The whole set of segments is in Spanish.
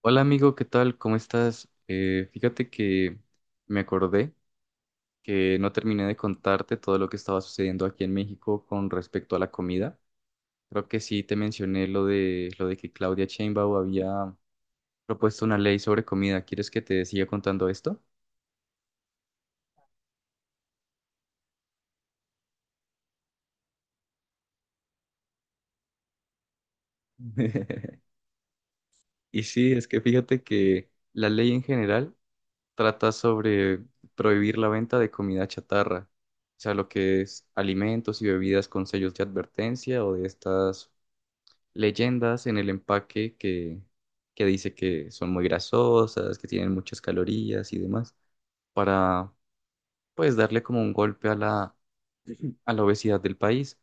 Hola amigo, ¿qué tal? ¿Cómo estás? Fíjate que me acordé que no terminé de contarte todo lo que estaba sucediendo aquí en México con respecto a la comida. Creo que sí te mencioné lo de que Claudia Sheinbaum había propuesto una ley sobre comida. ¿Quieres que te siga contando esto? Y sí, es que fíjate que la ley en general trata sobre prohibir la venta de comida chatarra, o sea, lo que es alimentos y bebidas con sellos de advertencia o de estas leyendas en el empaque que dice que son muy grasosas, que tienen muchas calorías y demás, para pues darle como un golpe a la obesidad del país,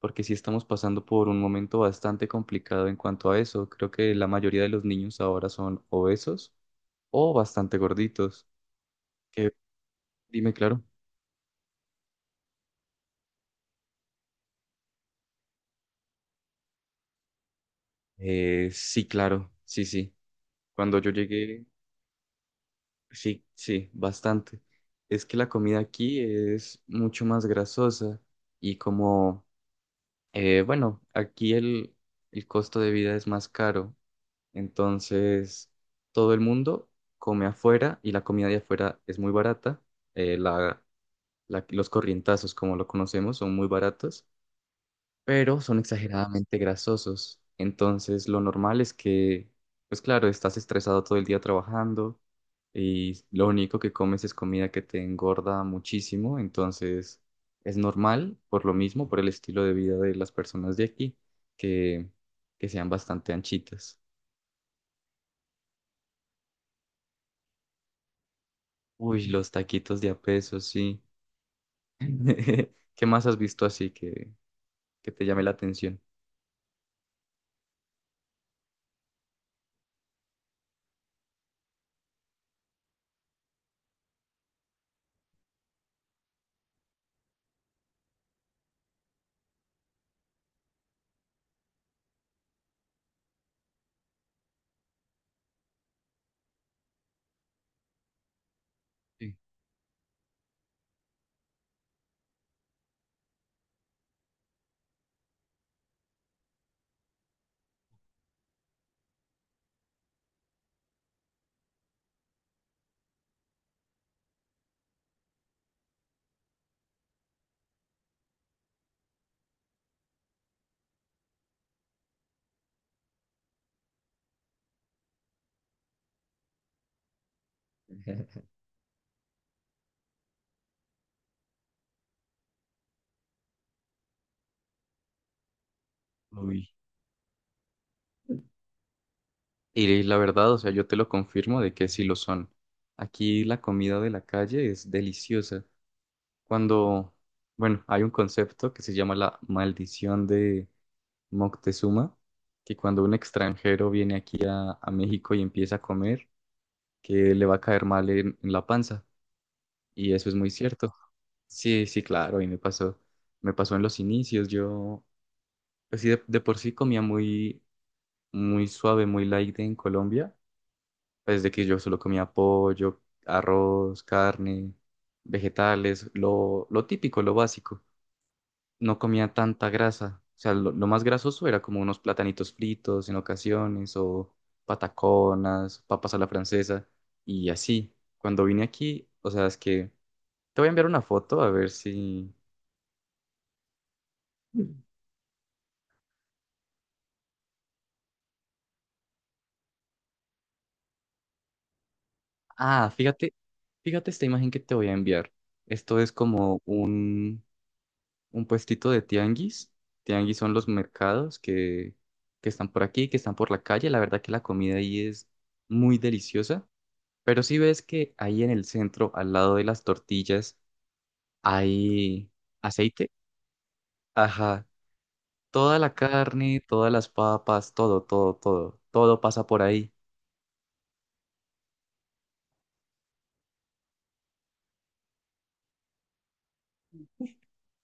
porque sí estamos pasando por un momento bastante complicado en cuanto a eso. Creo que la mayoría de los niños ahora son obesos o bastante gorditos. Que, dime, claro. Sí, claro, sí, sí. Cuando yo llegué. Sí, sí, bastante. Es que la comida aquí es mucho más grasosa y como, bueno, aquí el costo de vida es más caro, entonces todo el mundo come afuera y la comida de afuera es muy barata. eh, la, los corrientazos, como lo conocemos, son muy baratos pero son exageradamente grasosos. Entonces, lo normal es que, pues claro, estás estresado todo el día trabajando y lo único que comes es comida que te engorda muchísimo. Entonces, es normal, por lo mismo, por el estilo de vida de las personas de aquí, que, que sean bastante anchitas. Uy, los taquitos de a peso, sí. ¿Qué más has visto así que te llame la atención? Sí. Uy. Y la verdad, o sea, yo te lo confirmo de que sí lo son. Aquí la comida de la calle es deliciosa. Cuando, bueno, hay un concepto que se llama la maldición de Moctezuma, que cuando un extranjero viene aquí a México y empieza a comer, que le va a caer mal en la panza. Y eso es muy cierto. Sí, sí, claro, y me pasó en los inicios. Yo, pues sí, de por sí comía muy, muy suave, muy light en Colombia desde que yo solo comía pollo, arroz, carne, vegetales, lo típico, lo básico. No comía tanta grasa. O sea, lo más grasoso era como unos platanitos fritos en ocasiones o pataconas, papas a la francesa y así. Cuando vine aquí, o sea, es que te voy a enviar una foto a ver si... Ah, fíjate esta imagen que te voy a enviar. Esto es como un puestito de tianguis. Tianguis son los mercados que están por aquí, que están por la calle. La verdad que la comida ahí es muy deliciosa. Pero si ves que ahí en el centro, al lado de las tortillas, hay aceite. Ajá. Toda la carne, todas las papas, todo, todo, todo. Todo pasa por ahí.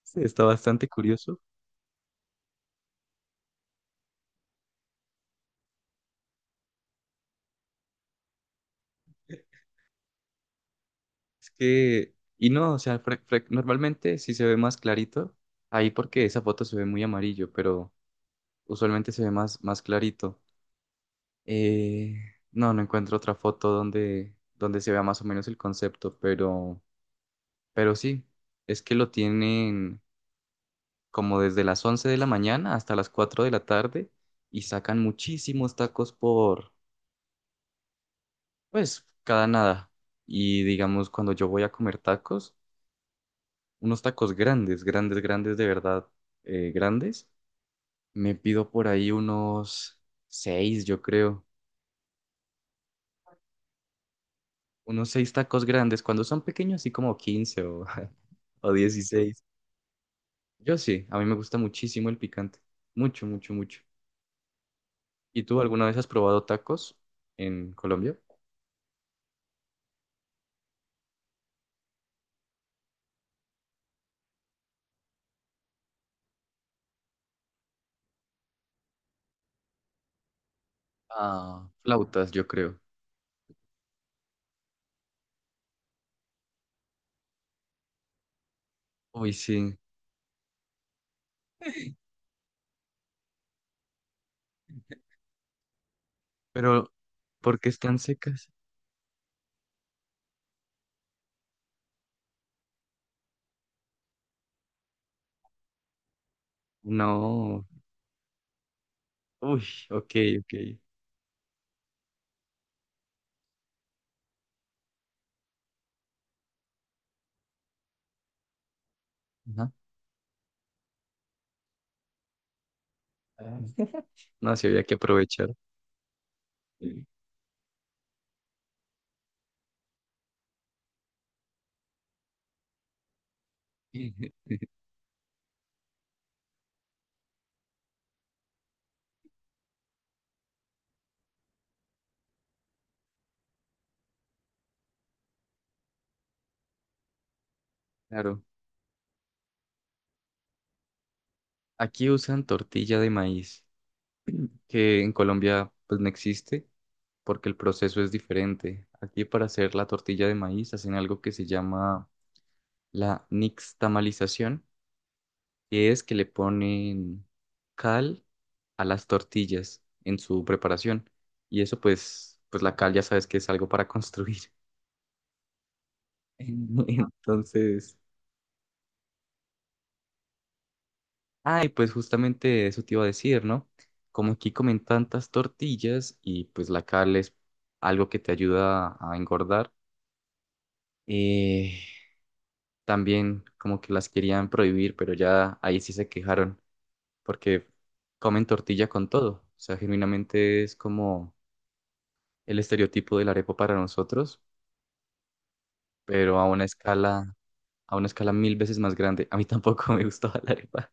Sí, está bastante curioso. Es que, y no, o sea, normalmente sí se ve más clarito ahí porque esa foto se ve muy amarillo, pero usualmente se ve más, más clarito. Eh, no, no encuentro otra foto donde se vea más o menos el concepto, pero sí, es que lo tienen como desde las 11 de la mañana hasta las 4 de la tarde y sacan muchísimos tacos por, pues, cada nada. Y digamos, cuando yo voy a comer tacos, unos tacos grandes, grandes, grandes, de verdad, grandes, me pido por ahí unos seis, yo creo. Unos seis tacos grandes, cuando son pequeños, así como 15 o, o 16. Yo sí, a mí me gusta muchísimo el picante. Mucho, mucho, mucho. ¿Y tú alguna vez has probado tacos en Colombia? Ah, flautas, yo creo. Uy, sí. Pero, ¿por qué están secas? No. Uy, ok, ok. Ajá. Ah. No, sí había que aprovechar. Sí. Claro. Aquí usan tortilla de maíz, que en Colombia pues no existe, porque el proceso es diferente. Aquí para hacer la tortilla de maíz hacen algo que se llama la nixtamalización, que es que le ponen cal a las tortillas en su preparación. Y eso pues, la cal ya sabes que es algo para construir. Entonces, ay, pues justamente eso te iba a decir, ¿no? Como aquí comen tantas tortillas y pues la cal es algo que te ayuda a engordar. eh, También como que las querían prohibir, pero ya ahí sí se quejaron porque comen tortilla con todo. O sea, genuinamente es como el estereotipo del arepa para nosotros, pero a una escala mil veces más grande. A mí tampoco me gustaba la arepa.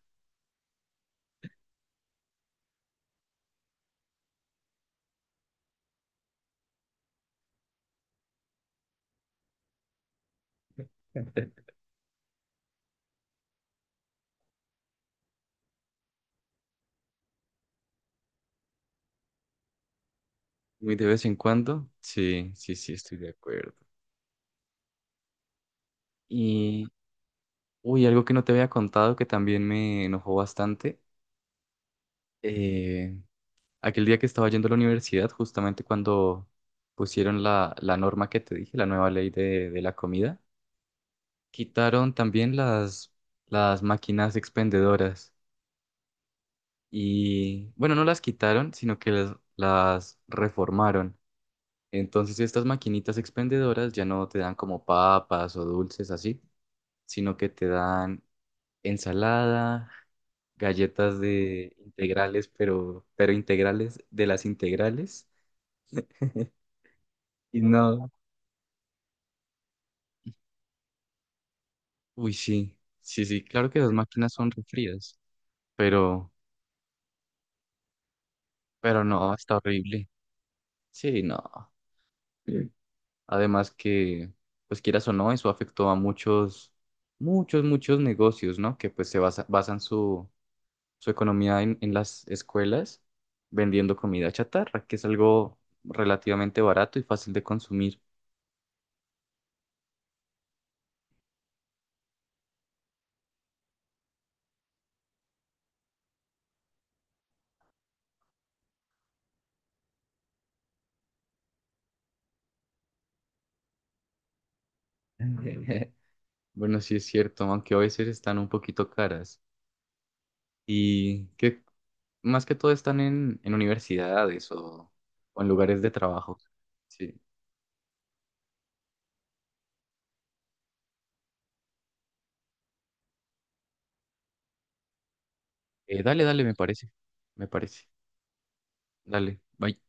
Muy de vez en cuando. Sí, sí, sí, estoy de acuerdo. Y, uy, algo que no te había contado que también me enojó bastante. eh, Aquel día que estaba yendo a la universidad, justamente cuando pusieron la norma que te dije, la nueva ley de la comida, quitaron también las máquinas expendedoras. Y bueno, no las quitaron, sino que las reformaron. Entonces estas maquinitas expendedoras ya no te dan como papas o dulces así, sino que te dan ensalada, galletas de integrales, pero integrales de las integrales. Y no, uy, sí, sí, sí, claro que las máquinas son refrías, pero, pero no, está horrible. Sí, no. Sí. Además que, pues quieras o no, eso afectó a muchos, muchos, muchos negocios, ¿no? Que pues se basan su economía en las escuelas vendiendo comida chatarra, que es algo relativamente barato y fácil de consumir. Bueno, sí es cierto, aunque a veces están un poquito caras. ¿Y qué? Más que todo están en universidades o en lugares de trabajo. Sí. Dale, dale, me parece. Me parece. Dale, bye.